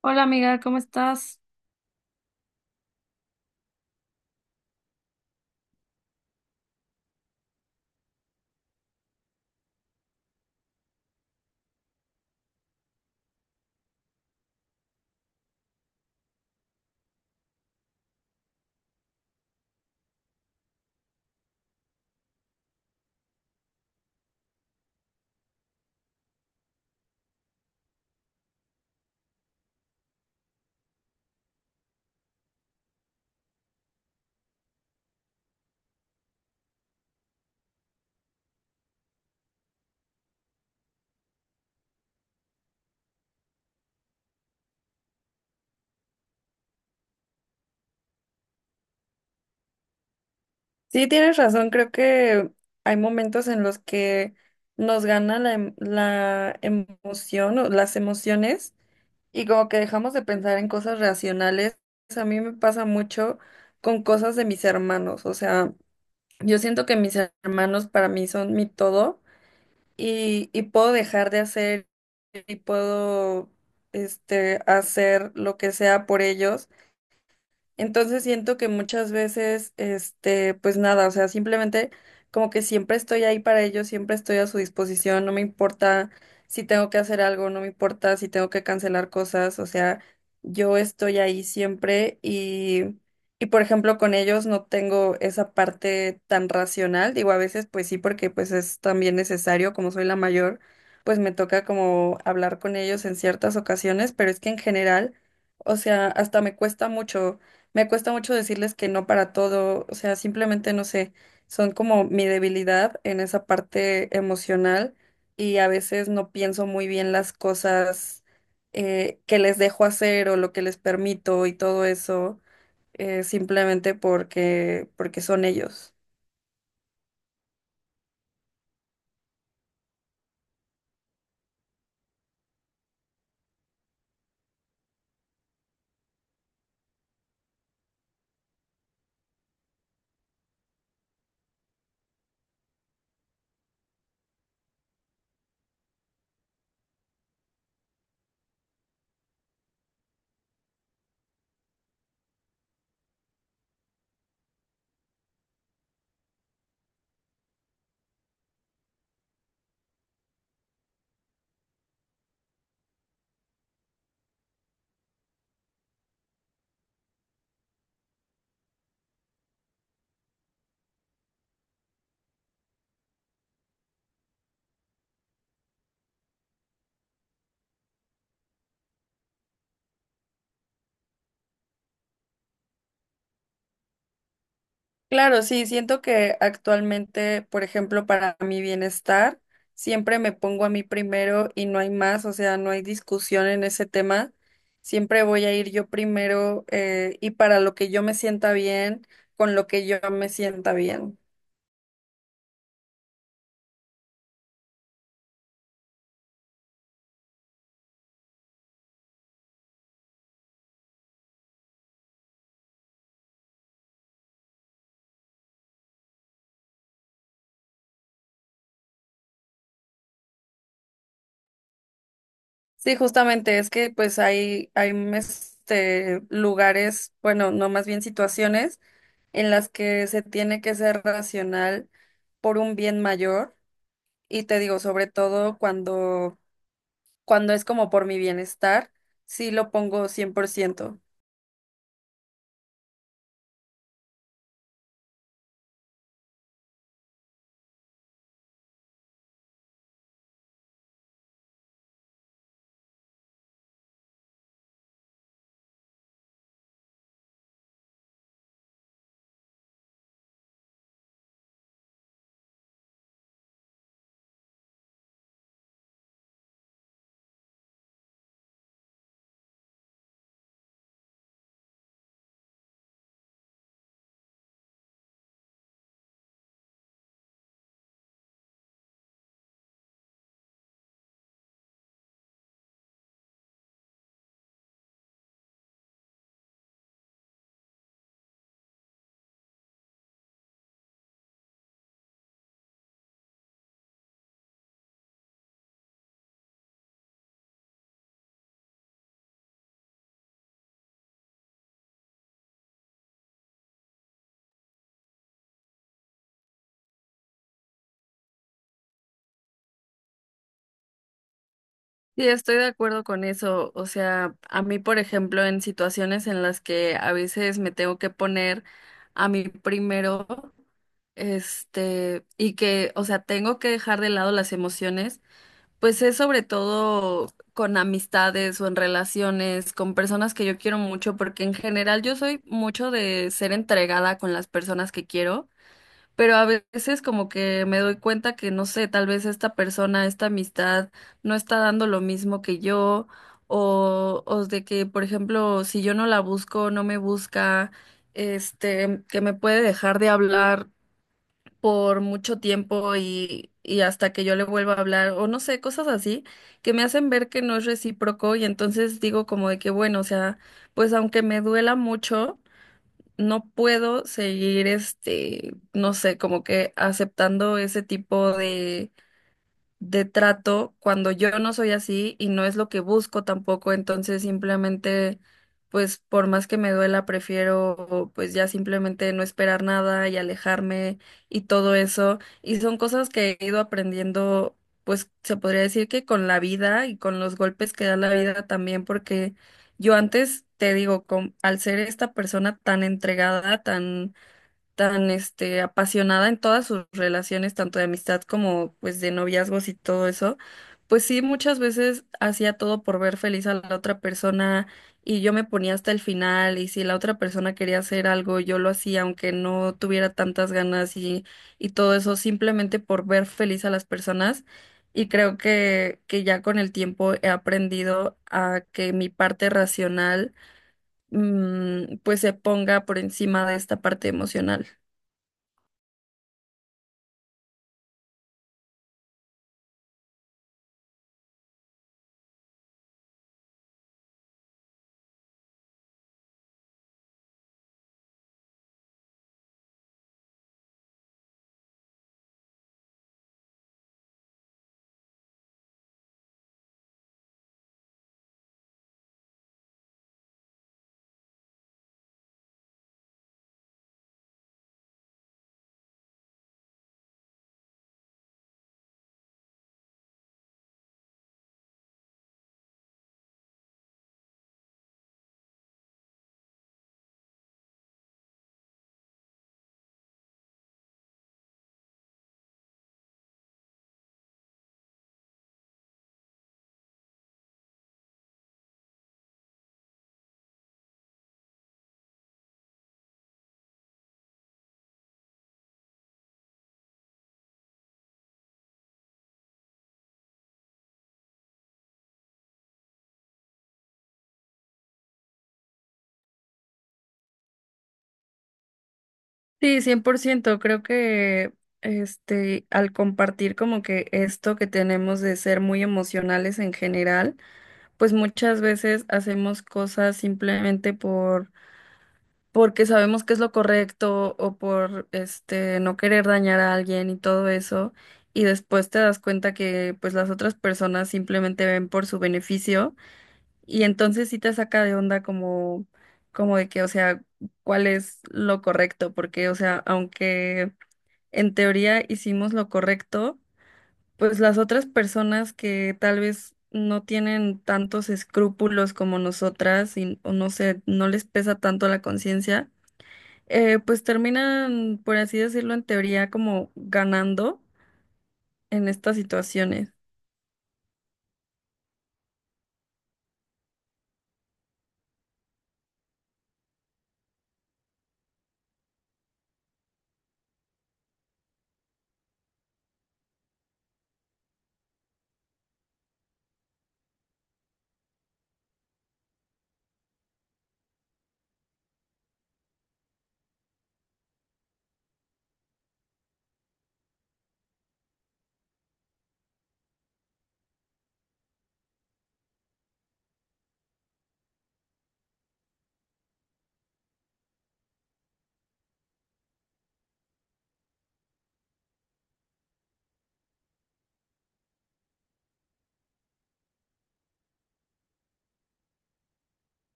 Hola amiga, ¿cómo estás? Sí, tienes razón, creo que hay momentos en los que nos gana la emoción o las emociones y como que dejamos de pensar en cosas racionales. A mí me pasa mucho con cosas de mis hermanos, o sea, yo siento que mis hermanos para mí son mi todo y puedo dejar de hacer y hacer lo que sea por ellos. Entonces siento que muchas veces, este, pues nada, o sea, simplemente como que siempre estoy ahí para ellos, siempre estoy a su disposición, no me importa si tengo que hacer algo, no me importa si tengo que cancelar cosas, o sea, yo estoy ahí siempre y por ejemplo con ellos no tengo esa parte tan racional, digo a veces pues sí porque pues es también necesario, como soy la mayor, pues me toca como hablar con ellos en ciertas ocasiones, pero es que en general, o sea, hasta me cuesta mucho. Me cuesta mucho decirles que no para todo, o sea, simplemente no sé, son como mi debilidad en esa parte emocional y a veces no pienso muy bien las cosas que les dejo hacer o lo que les permito y todo eso, simplemente porque son ellos. Claro, sí, siento que actualmente, por ejemplo, para mi bienestar, siempre me pongo a mí primero y no hay más, o sea, no hay discusión en ese tema. Siempre voy a ir yo primero y para lo que yo me sienta bien, con lo que yo me sienta bien. Sí, justamente es que pues este, lugares, bueno, no más bien situaciones en las que se tiene que ser racional por un bien mayor. Y te digo, sobre todo cuando es como por mi bienestar, sí lo pongo 100%. Sí, estoy de acuerdo con eso. O sea, a mí, por ejemplo, en situaciones en las que a veces me tengo que poner a mí primero, este, y que, o sea, tengo que dejar de lado las emociones, pues es sobre todo con amistades o en relaciones, con personas que yo quiero mucho, porque en general yo soy mucho de ser entregada con las personas que quiero. Pero a veces como que me doy cuenta que no sé, tal vez esta persona, esta amistad no está dando lo mismo que yo o de que, por ejemplo, si yo no la busco, no me busca, este, que me puede dejar de hablar por mucho tiempo y hasta que yo le vuelva a hablar o no sé, cosas así que me hacen ver que no es recíproco y entonces digo como de que bueno, o sea, pues aunque me duela mucho no puedo seguir, este, no sé, como que aceptando ese tipo de trato cuando yo no soy así y no es lo que busco tampoco, entonces simplemente, pues por más que me duela, prefiero pues ya simplemente no esperar nada y alejarme y todo eso. Y son cosas que he ido aprendiendo, pues se podría decir que con la vida y con los golpes que da la vida también, porque yo antes, te digo, con- al ser esta persona tan entregada, tan apasionada en todas sus relaciones, tanto de amistad como pues de noviazgos y todo eso, pues sí, muchas veces hacía todo por ver feliz a la otra persona y yo me ponía hasta el final y si la otra persona quería hacer algo, yo lo hacía aunque no tuviera tantas ganas y todo eso simplemente por ver feliz a las personas. Y creo que ya con el tiempo he aprendido a que mi parte racional, mm, pues se ponga por encima de esta parte emocional. Sí, 100%. Creo que este, al compartir como que esto que tenemos de ser muy emocionales en general, pues muchas veces hacemos cosas simplemente porque sabemos que es lo correcto o por este no querer dañar a alguien y todo eso, y después te das cuenta que pues las otras personas simplemente ven por su beneficio y entonces sí te saca de onda como de que, o sea, cuál es lo correcto, porque o sea, aunque en teoría hicimos lo correcto, pues las otras personas que tal vez no tienen tantos escrúpulos como nosotras y o no sé, no les pesa tanto la conciencia, pues terminan, por así decirlo, en teoría como ganando en estas situaciones.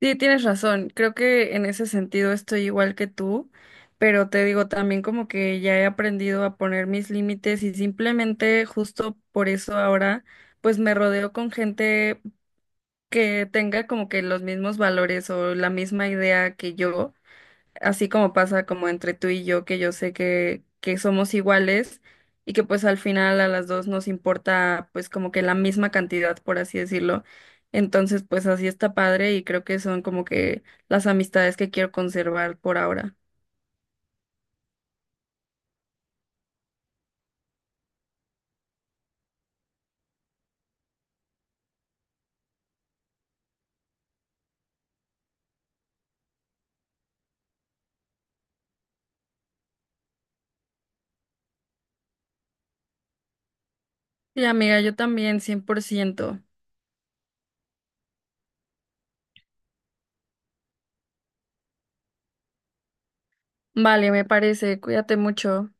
Sí, tienes razón, creo que en ese sentido estoy igual que tú, pero te digo también como que ya he aprendido a poner mis límites y simplemente justo por eso ahora pues me rodeo con gente que tenga como que los mismos valores o la misma idea que yo, así como pasa como entre tú y yo, que yo sé que somos iguales y que pues al final a las dos nos importa pues como que la misma cantidad, por así decirlo. Entonces pues así está padre y creo que son como que las amistades que quiero conservar por ahora. Sí, amiga, yo también, 100%. Vale, me parece, cuídate mucho.